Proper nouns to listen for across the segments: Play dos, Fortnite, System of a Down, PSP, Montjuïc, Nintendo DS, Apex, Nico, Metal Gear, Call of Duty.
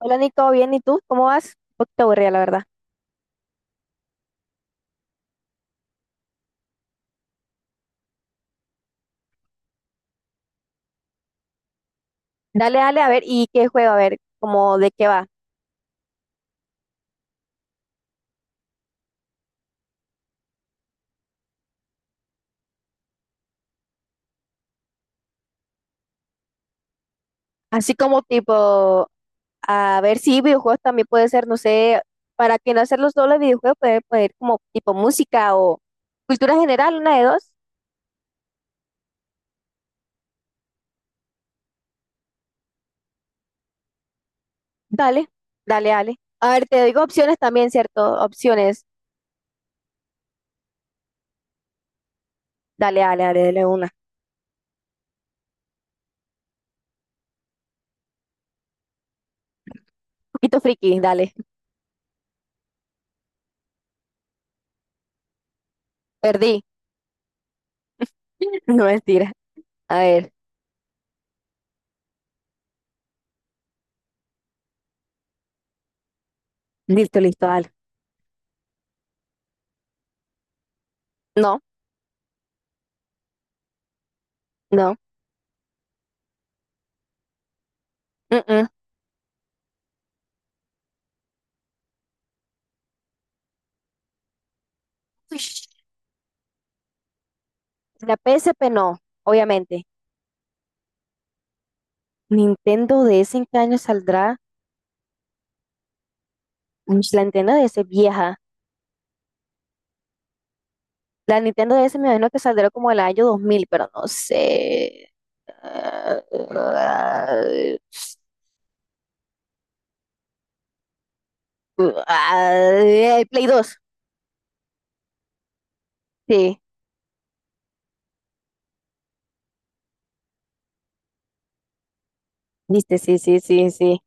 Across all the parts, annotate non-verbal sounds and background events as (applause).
Hola Nico, bien, ¿y tú? ¿Cómo vas? Un poquito aburrida, la verdad. Dale, dale, a ver, ¿y qué juego? A ver, como de qué va. Así como tipo, a ver si videojuegos también puede ser, no sé, para que no hacer los dobles videojuegos, puede poner como tipo música o cultura general, una de dos. Dale, dale, dale. A ver, te digo opciones también, ¿cierto? Opciones. Dale, dale, dale, dale una. Un poquito friki, dale. (laughs) Perdí. (laughs) No, mentira. A ver, listo, listo, dale. No, no. Mm, mm. La P S P no, obviamente. Nintendo DS en qué año saldrá. Uy, la Nintendo DS vieja. La Nintendo DS me imagino que saldrá como el año 2000 pero no sé. Ah, el Play dos. Sí, viste, sí, sí, sí, sí.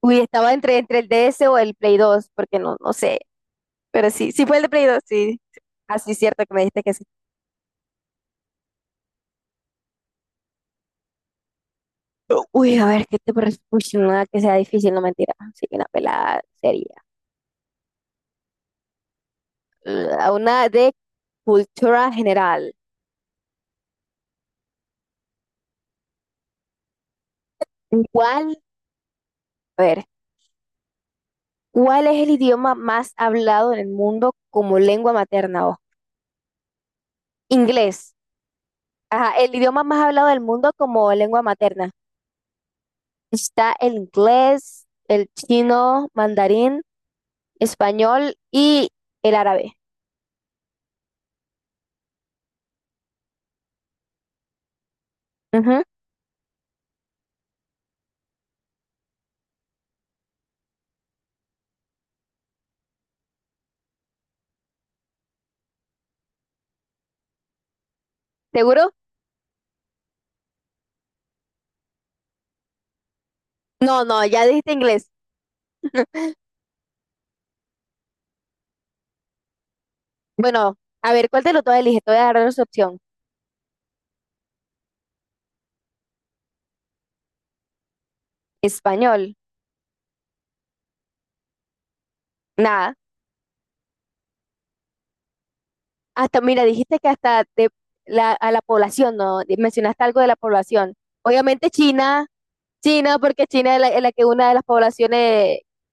Uy, estaba entre el D S o el Play dos porque no, no sé. Pero sí, sí fue el de Play dos sí. Así es cierto que me dijiste que sí. Uy, a ver, ¿qué te parece? Uy, no, nada que sea difícil, no mentira. Sí, una pelada serie. Una de cultura general. ¿Cuál, a ver, cuál es el idioma más hablado en el mundo como lengua materna? O inglés. Ajá, el idioma más hablado del mundo como lengua materna. Está el inglés, el chino, mandarín, español y el árabe. Ujú. ¿Seguro? No, no, ya dijiste inglés. Bueno, a ver, ¿cuál de los dos eliges? Te voy a dar otra opción. Español. Nada. Hasta, mira, dijiste que hasta de a la población, ¿no? Mencionaste algo de la población. Obviamente China. China, porque China es es la que una de las poblaciones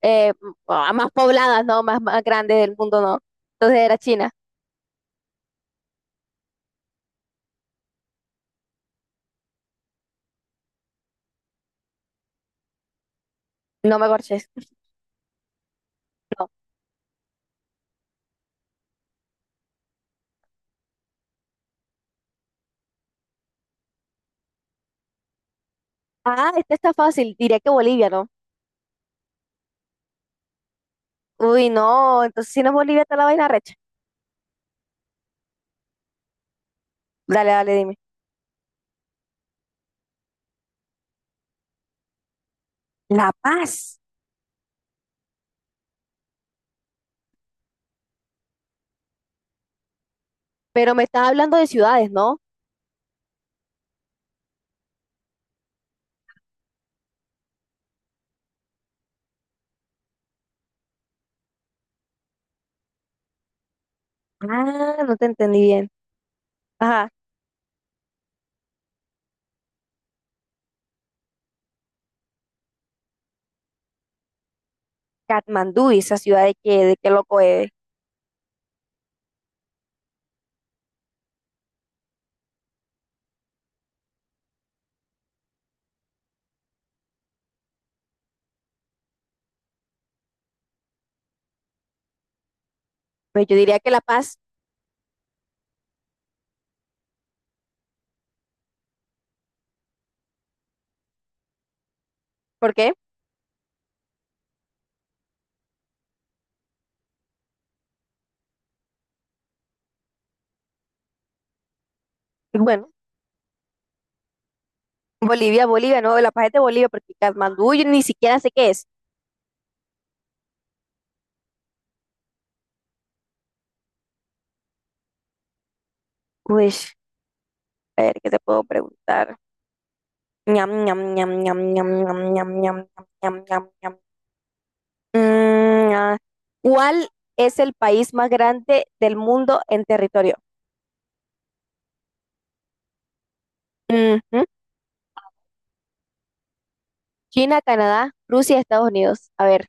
más pobladas, ¿no? Más grandes del mundo, ¿no? Entonces era China. No me corches. (laughs) No. Ah, esta está fácil. Diría que Bolivia, ¿no? Uy, no. Entonces si no es Bolivia, está la vaina recha. Dale, dale, dime. La Paz. Pero me estás hablando de ciudades, ¿no? Ah, no te entendí bien. Ajá. Katmandú, ¿y esa ciudad de qué loco es? Pues yo diría que La Paz. ¿Por qué? Bueno. Bolivia, Bolivia, no, La Paz es de Bolivia, porque Katmandú yo ni siquiera sé qué es. Pues, a ver, ¿qué te puedo preguntar? Ñam, ñam, ñam, ñam, ñam, ñam, ñam, ñam, ñam, ñam, ñam. Mm, ah, ¿cuál es el país más grande del mundo en territorio? Ujú. China, Canadá, Rusia, Estados Unidos. A ver,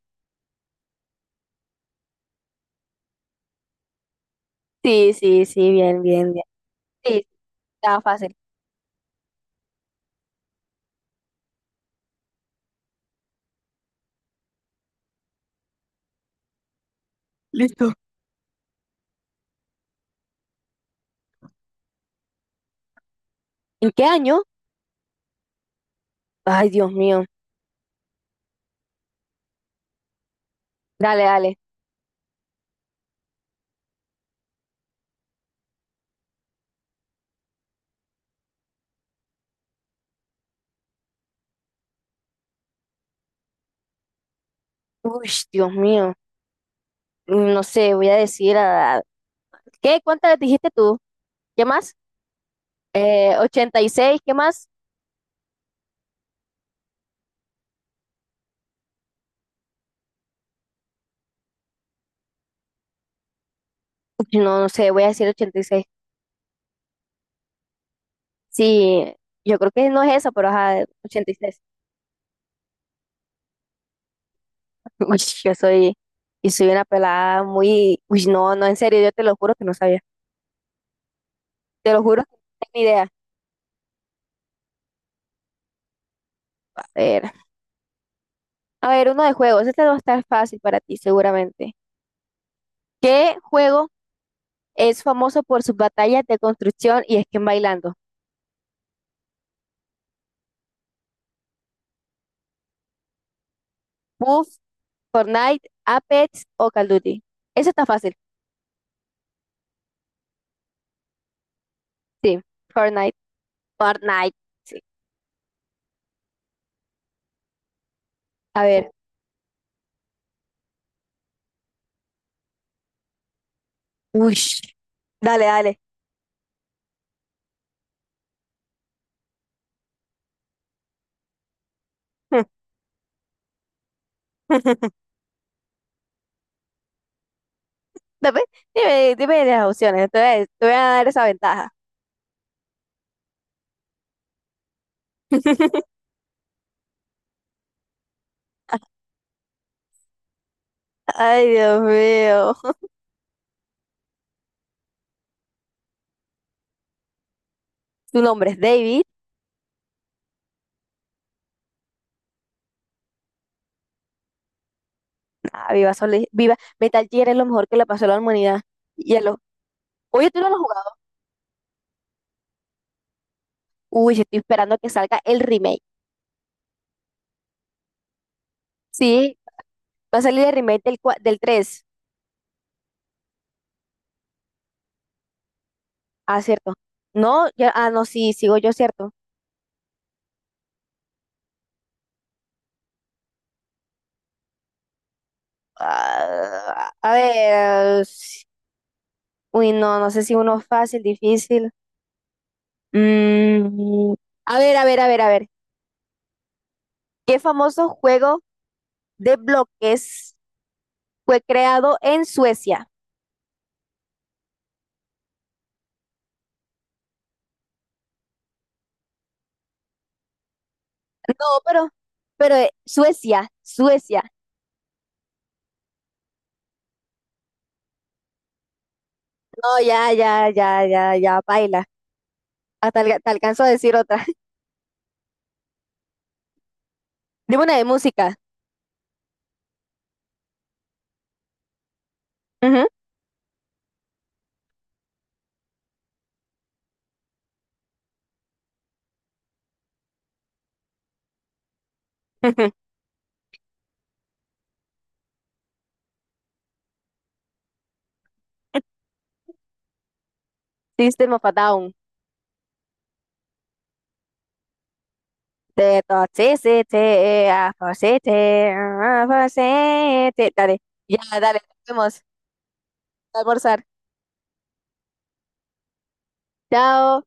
sí, sí, sí, bien, bien, bien. Sí, estaba fácil. Listo. ¿En qué año? Ay, Dios mío. Dale, dale. Uy, Dios mío. Mm, no sé, voy a decir a... ¿Qué? ¿Cuántas dijiste tú? ¿Qué más? 86, ¿qué más? No, no sé, voy a decir 86. Sí, yo creo que no es eso, pero ajá, 86. (laughs) Uy, yo soy, y soy una pelada muy... Uy, no, no, en serio, yo te lo juro que no sabía. Te lo juro que no tengo ni idea. A ver, a ver, uno de juegos. Este va a estar fácil para ti, seguramente. ¿Qué juego es famoso por sus batallas de construcción y esquema bailando? Puff, Fortnite, Apex o Call of Duty. Eso está fácil. Sí, Fortnite. Fortnite. Sí. A ver. Uy, dale, dale. (laughs) Dame, dime, dime las opciones. Te voy a dar esa ventaja. (laughs) Ay, Dios mío. Tu nombre es David. Ah, viva, viva. Metal Gear es lo mejor que le pasó a la humanidad. Y a los... Oye, tú no lo has jugado. Uy, estoy esperando que salga el remake. Sí, va a salir el remake del 3. Ah, cierto. No, ya, ah, no, sí, sigo yo, cierto. Ah, a ver, uy, no, no sé si uno fácil, difícil. Mm, a ver, a ver, a ver, a ver. ¿Qué famoso juego de bloques fue creado en Suecia? No, pero, pero Suecia, Suecia. No, ya, ya, ya, ya, ya, baila. Te alcanzo a decir otra. (laughs) Dime una de música. Ujú. (laughs) System of a Down. Te toxicity, afoxity, afoxity. Dale, ya, dale, nos vemos. A almorzar. Chao.